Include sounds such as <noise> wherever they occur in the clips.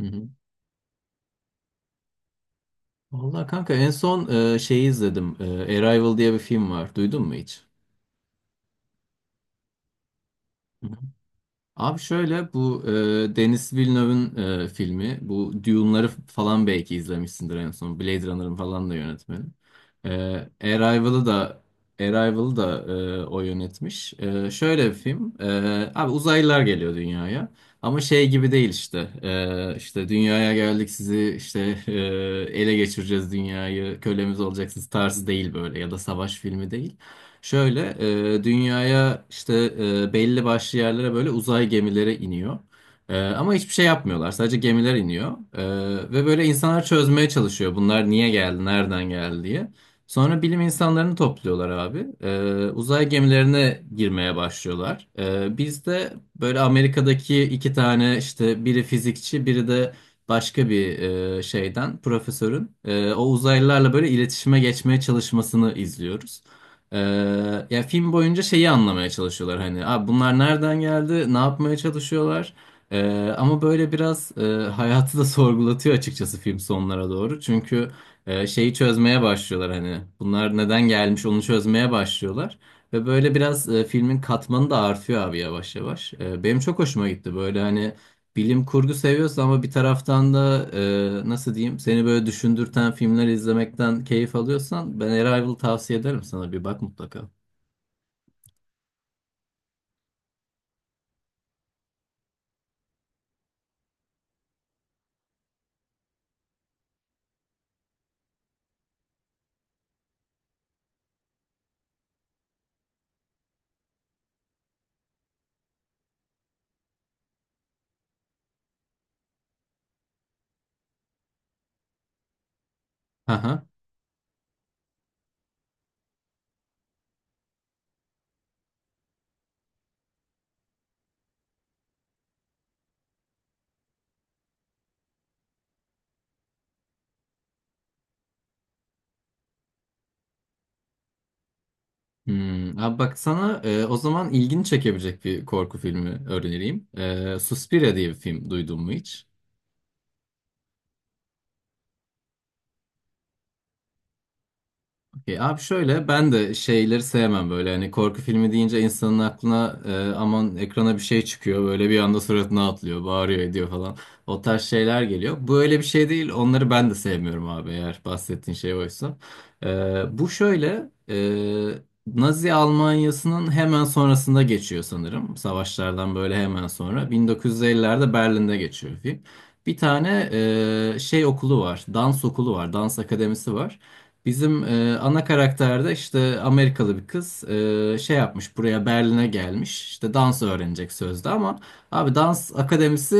Hı hı. Vallahi kanka en son şeyi izledim. Arrival diye bir film var. Duydun mu hiç? Abi şöyle bu Denis Villeneuve'ın filmi. Bu Dune'ları falan belki izlemişsindir en son. Blade Runner'ın falan da yönetmeni. E, Arrival'ı da Arrival'ı da o yönetmiş. Şöyle bir film. Abi uzaylılar geliyor dünyaya. Ama şey gibi değil işte. İşte dünyaya geldik sizi işte e, ele geçireceğiz dünyayı. Kölemiz olacaksınız tarzı değil böyle ya da savaş filmi değil. Şöyle dünyaya işte belli başlı yerlere böyle uzay gemileri iniyor. Ama hiçbir şey yapmıyorlar. Sadece gemiler iniyor. Ve böyle insanlar çözmeye çalışıyor. Bunlar niye geldi, nereden geldi diye. Sonra bilim insanlarını topluyorlar abi. Uzay gemilerine girmeye başlıyorlar. Biz de böyle Amerika'daki iki tane işte biri fizikçi, biri de başka bir şeyden profesörün o uzaylılarla böyle iletişime geçmeye çalışmasını izliyoruz. Ya film boyunca şeyi anlamaya çalışıyorlar hani abi, bunlar nereden geldi, ne yapmaya çalışıyorlar. Ama böyle biraz hayatı da <laughs> sorgulatıyor açıkçası film sonlara doğru, çünkü şeyi çözmeye başlıyorlar, hani bunlar neden gelmiş onu çözmeye başlıyorlar ve böyle biraz filmin katmanı da artıyor abi yavaş yavaş. Benim çok hoşuma gitti böyle, hani bilim kurgu seviyorsun ama bir taraftan da nasıl diyeyim, seni böyle düşündürten filmler izlemekten keyif alıyorsan ben Arrival tavsiye ederim, sana bir bak mutlaka. Aha. Hmm. Abi bak sana o zaman ilgini çekebilecek bir korku filmi önereyim. Suspiria diye bir film duydun mu hiç? Okey. Abi şöyle ben de şeyleri sevmem, böyle hani korku filmi deyince insanın aklına aman ekrana bir şey çıkıyor böyle bir anda suratına atlıyor bağırıyor ediyor falan, o tarz şeyler geliyor. Bu öyle bir şey değil, onları ben de sevmiyorum abi, eğer bahsettiğin şey oysa. E, Bu şöyle Nazi Almanya'sının hemen sonrasında geçiyor sanırım, savaşlardan böyle hemen sonra 1950'lerde Berlin'de geçiyor film. Bir tane şey okulu var, dans okulu var, dans akademisi var. Bizim ana karakterde işte Amerikalı bir kız şey yapmış, buraya Berlin'e gelmiş işte dans öğrenecek sözde, ama abi dans akademisi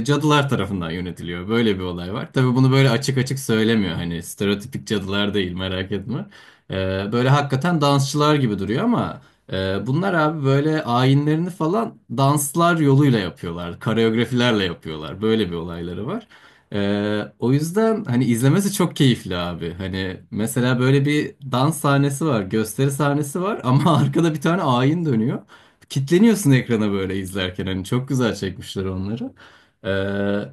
cadılar tarafından yönetiliyor, böyle bir olay var. Tabii bunu böyle açık açık söylemiyor, hani stereotipik cadılar değil, merak etme. E, Böyle hakikaten dansçılar gibi duruyor ama bunlar abi böyle ayinlerini falan danslar yoluyla yapıyorlar, koreografilerle yapıyorlar, böyle bir olayları var. O yüzden hani izlemesi çok keyifli abi. Hani mesela böyle bir dans sahnesi var, gösteri sahnesi var ama <laughs> arkada bir tane ayin dönüyor. Kitleniyorsun ekrana böyle izlerken, hani çok güzel çekmişler onları. Ee,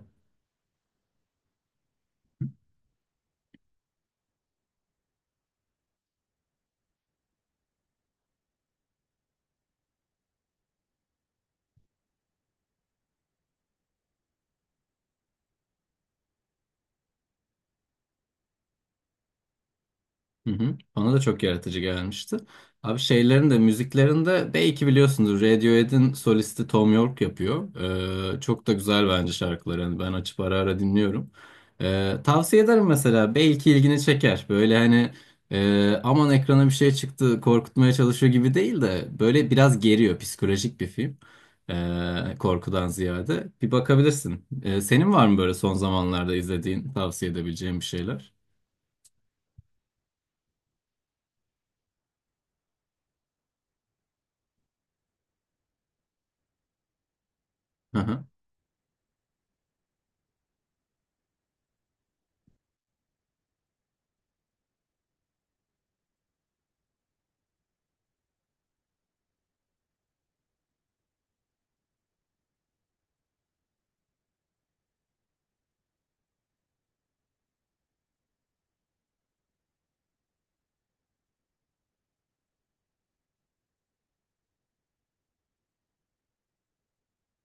Hı hı. Bana da çok yaratıcı gelmişti. Abi şeylerin de, müziklerin de belki biliyorsunuz, Radiohead'in solisti Thom Yorke yapıyor. Çok da güzel bence şarkıları. Hani ben açıp ara ara dinliyorum. Tavsiye ederim mesela. Belki ilgini çeker. Böyle hani aman ekrana bir şey çıktı korkutmaya çalışıyor gibi değil de, böyle biraz geriyor. Psikolojik bir film. Korkudan ziyade. Bir bakabilirsin. Senin var mı böyle son zamanlarda izlediğin, tavsiye edebileceğin bir şeyler? Hı hı.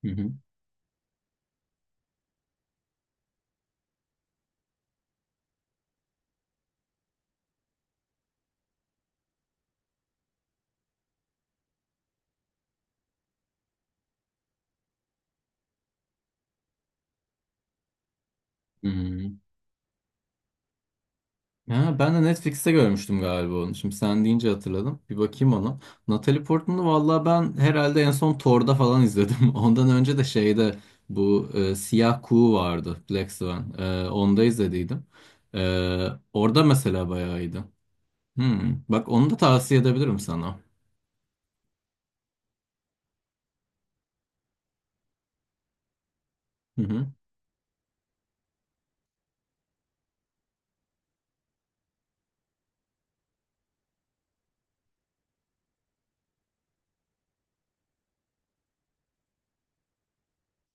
Hı hı. Hmm. Ha, ben de Netflix'te görmüştüm galiba onu. Şimdi sen deyince hatırladım. Bir bakayım ona. Natalie Portman'ı valla ben herhalde en son Thor'da falan izledim. <laughs> Ondan önce de şeyde bu Siyah Kuğu vardı. Black Swan. Onda izlediydim. Orada mesela bayağı iyiydi. Hmm. Bak onu da tavsiye edebilirim sana.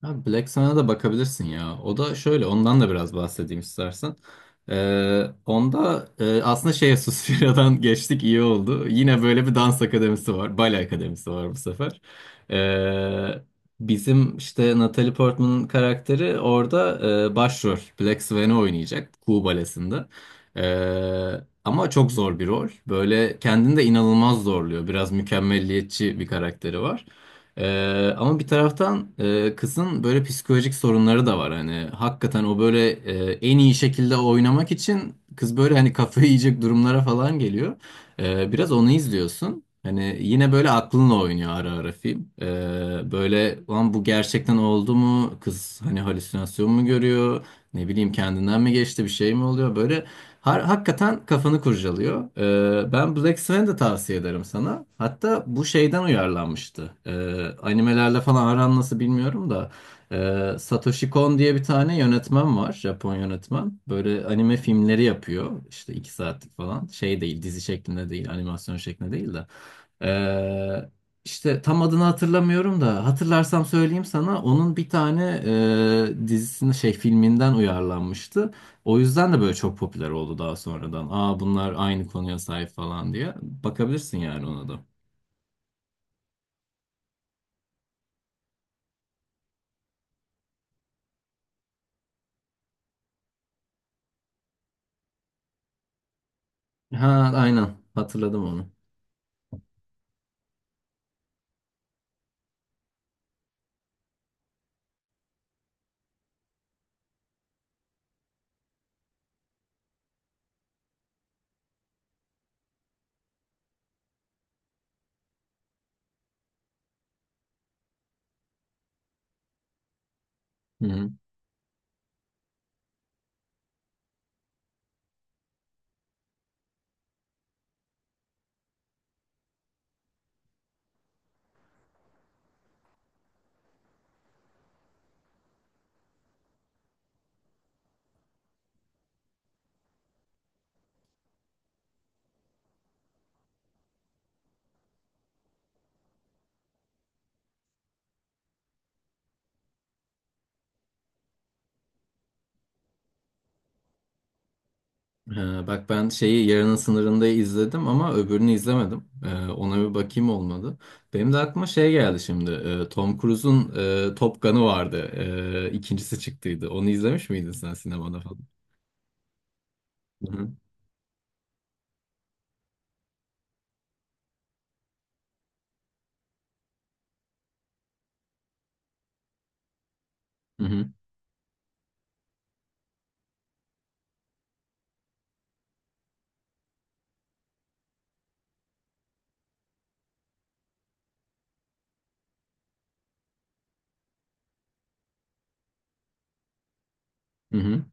Abi Black Sun'a da bakabilirsin ya. O da şöyle, ondan da biraz bahsedeyim istersen. Onda aslında şey Suspiria'dan <laughs> geçtik iyi oldu. Yine böyle bir dans akademisi var. Bale akademisi var bu sefer. Ee, Bizim işte Natalie Portman'ın karakteri orada başrol. Black Swan'ı oynayacak. Kuğu Balesi'nde. Ama çok zor bir rol. Böyle kendini de inanılmaz zorluyor. Biraz mükemmelliyetçi bir karakteri var. Ama bir taraftan kızın böyle psikolojik sorunları da var. Hani hakikaten o böyle en iyi şekilde oynamak için kız böyle hani kafayı yiyecek durumlara falan geliyor. Biraz onu izliyorsun. Hani yine böyle aklınla oynuyor ara ara film. Böyle lan bu gerçekten oldu mu? Kız hani halüsinasyon mu görüyor? Ne bileyim kendinden mi geçti, bir şey mi oluyor? Böyle hakikaten kafanı kurcalıyor. Ben Black Swan'ı da tavsiye ederim sana. Hatta bu şeyden uyarlanmıştı. Animelerle falan aran nasıl bilmiyorum da. Satoshi Kon diye bir tane yönetmen var. Japon yönetmen. Böyle anime filmleri yapıyor. İşte iki saatlik falan. Şey değil, dizi şeklinde değil, animasyon şeklinde değil de. Ee, işte tam adını hatırlamıyorum da, hatırlarsam söyleyeyim sana. Onun bir tane dizisinin şey filminden uyarlanmıştı. O yüzden de böyle çok popüler oldu daha sonradan. Aa, bunlar aynı konuya sahip falan diye. Bakabilirsin yani ona da. Ha, aynen hatırladım onu. Hı hı. Bak ben şeyi Yarının Sınırında izledim ama öbürünü izlemedim. Ona bir bakayım, olmadı. Benim de aklıma şey geldi şimdi. Tom Cruise'un Top Gun'ı vardı. İkincisi çıktıydı. Onu izlemiş miydin sen sinemada falan? Hı hı. Hı hı. Hı hı.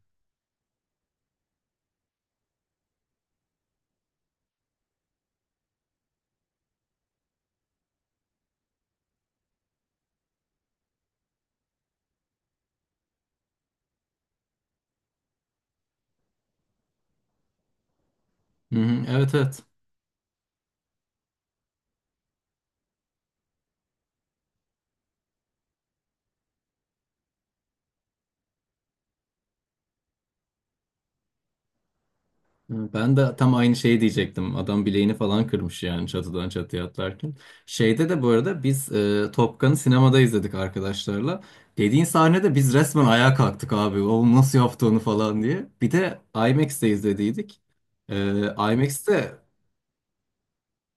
Hı hı. Evet, evet. Ben de tam aynı şeyi diyecektim. Adam bileğini falan kırmış yani, çatıdan çatıya atlarken. Şeyde de bu arada biz Top Gun'ı sinemada izledik arkadaşlarla. Dediğin sahnede biz resmen ayağa kalktık abi. O nasıl yaptı onu falan diye. Bir de IMAX'te izlediydik. E, IMAX'te,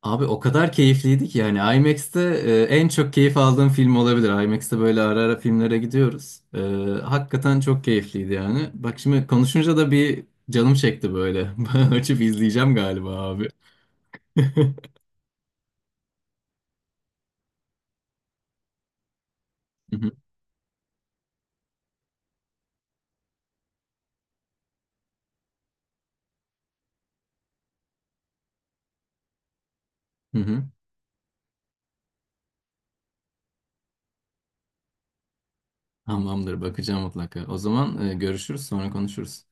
abi, o kadar keyifliydi ki yani, IMAX'te en çok keyif aldığım film olabilir. IMAX'te böyle ara ara filmlere gidiyoruz. Hakikaten çok keyifliydi yani. Bak şimdi konuşunca da bir canım çekti böyle. <laughs> Açıp izleyeceğim galiba abi. <laughs> Hı hı, hı hı. Tamamdır, bakacağım mutlaka. O zaman görüşürüz, sonra konuşuruz.